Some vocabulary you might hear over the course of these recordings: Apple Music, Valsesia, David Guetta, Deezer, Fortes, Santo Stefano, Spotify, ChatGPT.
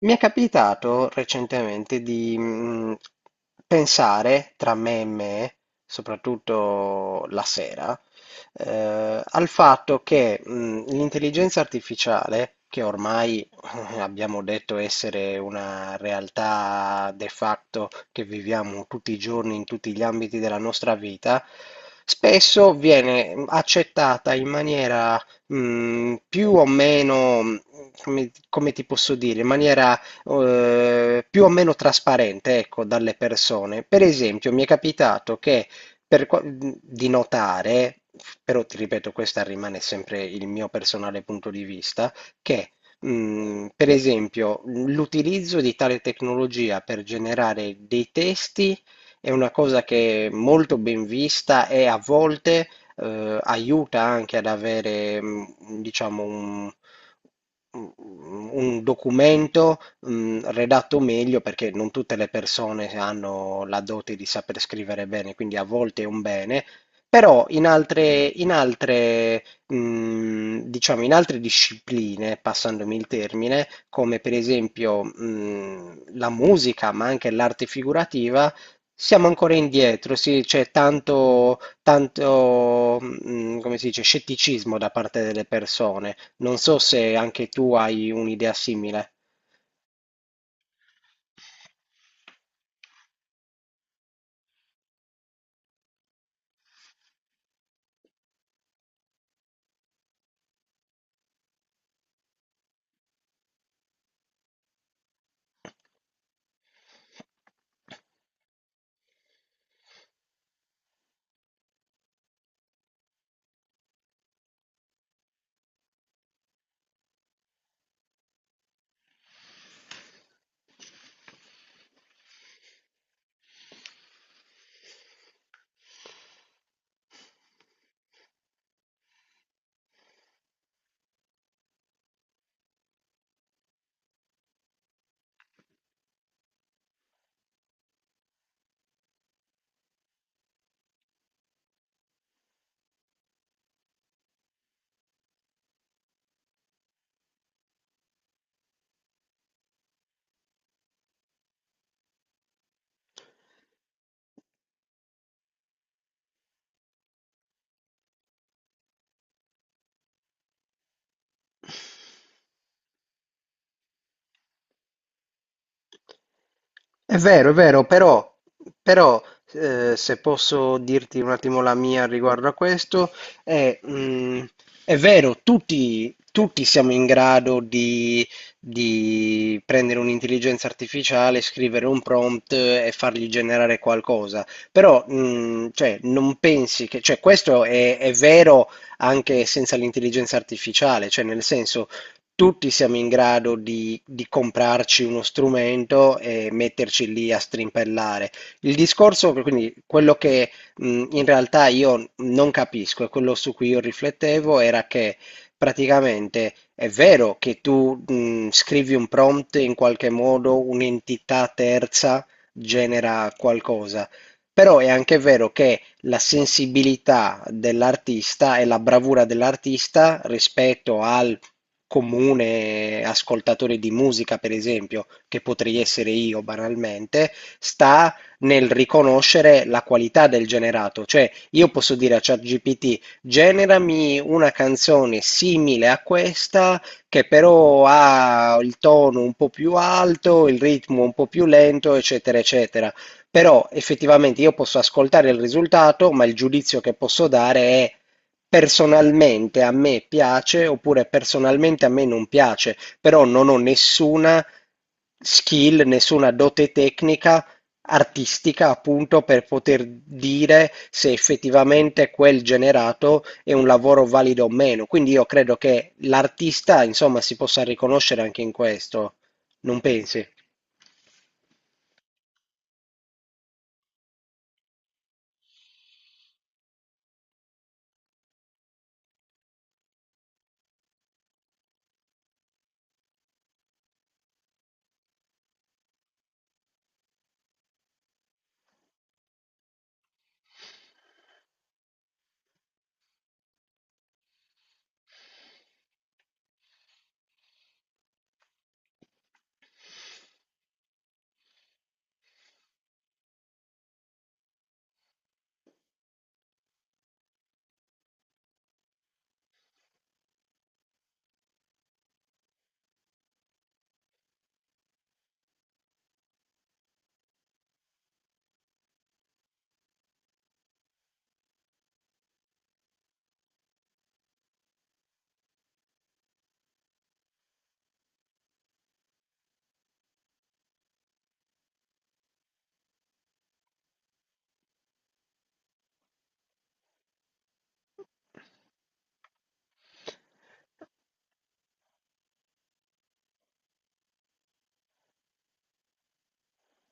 Mi è capitato recentemente di pensare tra me e me, soprattutto la sera, al fatto che l'intelligenza artificiale, che ormai abbiamo detto essere una realtà de facto che viviamo tutti i giorni in tutti gli ambiti della nostra vita, spesso viene accettata in maniera più o meno, come ti posso dire, in maniera più o meno trasparente, ecco, dalle persone. Per esempio, mi è capitato che di notare, però ti ripeto, questa rimane sempre il mio personale punto di vista, che per esempio l'utilizzo di tale tecnologia per generare dei testi è una cosa che è molto ben vista e a volte aiuta anche ad avere, diciamo, un documento redatto meglio perché non tutte le persone hanno la dote di saper scrivere bene, quindi a volte è un bene, però in altre, diciamo, in altre discipline, passandomi il termine, come per esempio la musica, ma anche l'arte figurativa, siamo ancora indietro, sì, c'è tanto, come si dice, scetticismo da parte delle persone. Non so se anche tu hai un'idea simile. È vero, però, però, se posso dirti un attimo la mia riguardo a questo, è, mhmm, è vero, tutti siamo in grado di prendere un'intelligenza artificiale, scrivere un prompt e fargli generare qualcosa, però, cioè, non pensi cioè, questo è vero anche senza l'intelligenza artificiale, cioè, nel senso, tutti siamo in grado di comprarci uno strumento e metterci lì a strimpellare. Il discorso, quindi quello che in realtà io non capisco e quello su cui io riflettevo era che praticamente è vero che tu scrivi un prompt in qualche modo, un'entità terza genera qualcosa, però è anche vero che la sensibilità dell'artista e la bravura dell'artista rispetto al comune ascoltatore di musica, per esempio, che potrei essere io banalmente, sta nel riconoscere la qualità del generato. Cioè, io posso dire a ChatGPT, generami una canzone simile a questa, che però ha il tono un po' più alto, il ritmo un po' più lento, eccetera, eccetera. Però effettivamente io posso ascoltare il risultato, ma il giudizio che posso dare è: personalmente a me piace oppure personalmente a me non piace, però non ho nessuna skill, nessuna dote tecnica artistica appunto per poter dire se effettivamente quel generato è un lavoro valido o meno. Quindi io credo che l'artista insomma si possa riconoscere anche in questo, non pensi?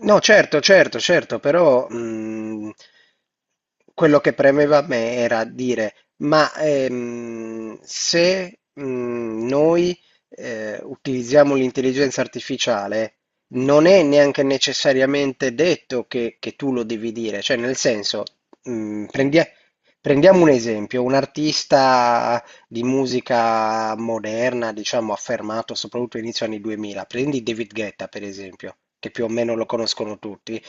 No, certo, certo, certo, però quello che premeva a me era dire, ma se noi utilizziamo l'intelligenza artificiale, non è neanche necessariamente detto che tu lo devi dire, cioè nel senso, mh, prendi- prendiamo un esempio, un artista di musica moderna, diciamo, affermato soprattutto inizio anni 2000. Prendi David Guetta, per esempio, che più o meno lo conoscono tutti.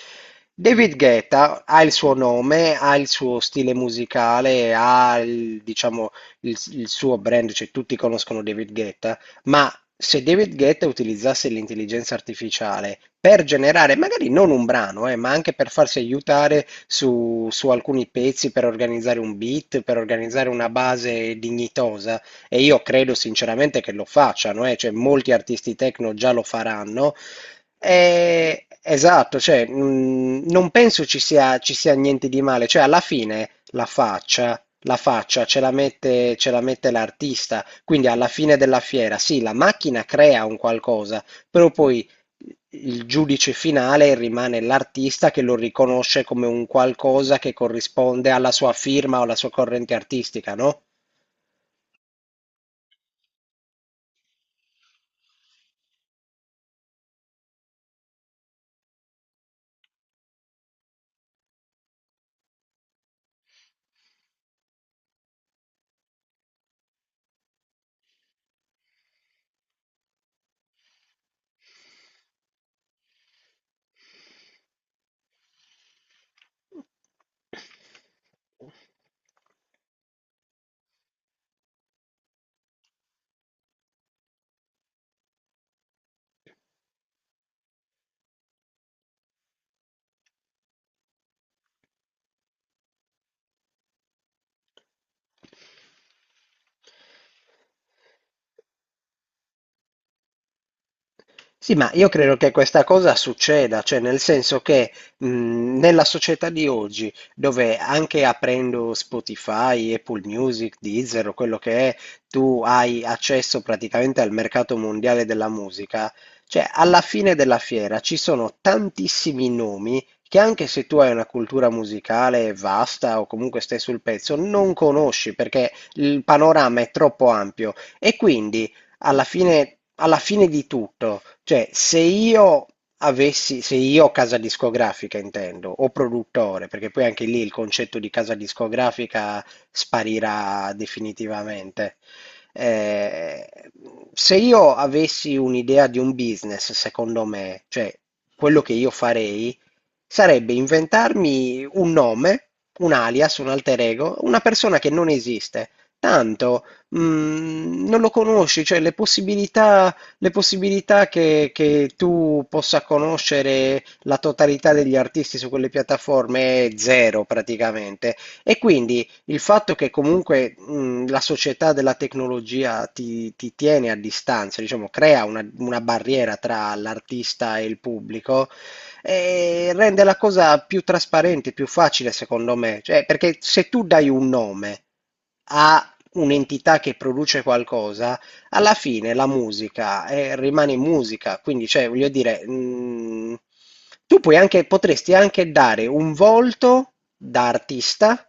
David Guetta ha il suo nome, ha il suo stile musicale, ha diciamo, il suo brand, cioè tutti conoscono David Guetta, ma se David Guetta utilizzasse l'intelligenza artificiale per generare, magari non un brano, ma anche per farsi aiutare su alcuni pezzi, per organizzare un beat, per organizzare una base dignitosa, e io credo sinceramente che lo facciano, cioè molti artisti techno già lo faranno. Esatto, cioè, non penso ci sia niente di male, cioè alla fine la faccia ce la ce la mette l'artista. Quindi alla fine della fiera, sì, la macchina crea un qualcosa, però poi il giudice finale rimane l'artista che lo riconosce come un qualcosa che corrisponde alla sua firma o alla sua corrente artistica, no? Sì, ma io credo che questa cosa succeda, cioè nel senso che nella società di oggi, dove anche aprendo Spotify, Apple Music, Deezer o quello che è, tu hai accesso praticamente al mercato mondiale della musica, cioè alla fine della fiera ci sono tantissimi nomi che anche se tu hai una cultura musicale vasta o comunque stai sul pezzo, non conosci perché il panorama è troppo ampio e quindi alla fine di tutto, cioè se io avessi, se io casa discografica intendo, o produttore, perché poi anche lì il concetto di casa discografica sparirà definitivamente. Eh, se io avessi un'idea di un business, secondo me, cioè quello che io farei sarebbe inventarmi un nome, un alias, un alter ego, una persona che non esiste. Tanto non lo conosci, cioè le possibilità che tu possa conoscere la totalità degli artisti su quelle piattaforme è zero praticamente. E quindi il fatto che comunque la società della tecnologia ti tiene a distanza, diciamo, crea una barriera tra l'artista e il pubblico, rende la cosa più trasparente, più facile secondo me. Cioè, perché se tu dai un nome a un'entità che produce qualcosa, alla fine la musica rimane musica, quindi cioè, voglio dire, tu puoi anche, potresti anche dare un volto da artista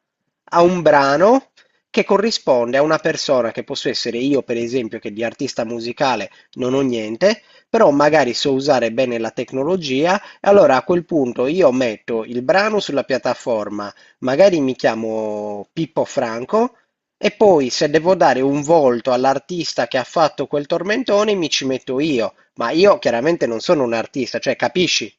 a un brano che corrisponde a una persona che posso essere io, per esempio, che di artista musicale non ho niente, però magari so usare bene la tecnologia, e allora a quel punto io metto il brano sulla piattaforma, magari mi chiamo Pippo Franco e poi se devo dare un volto all'artista che ha fatto quel tormentone mi ci metto io, ma io chiaramente non sono un artista, cioè capisci?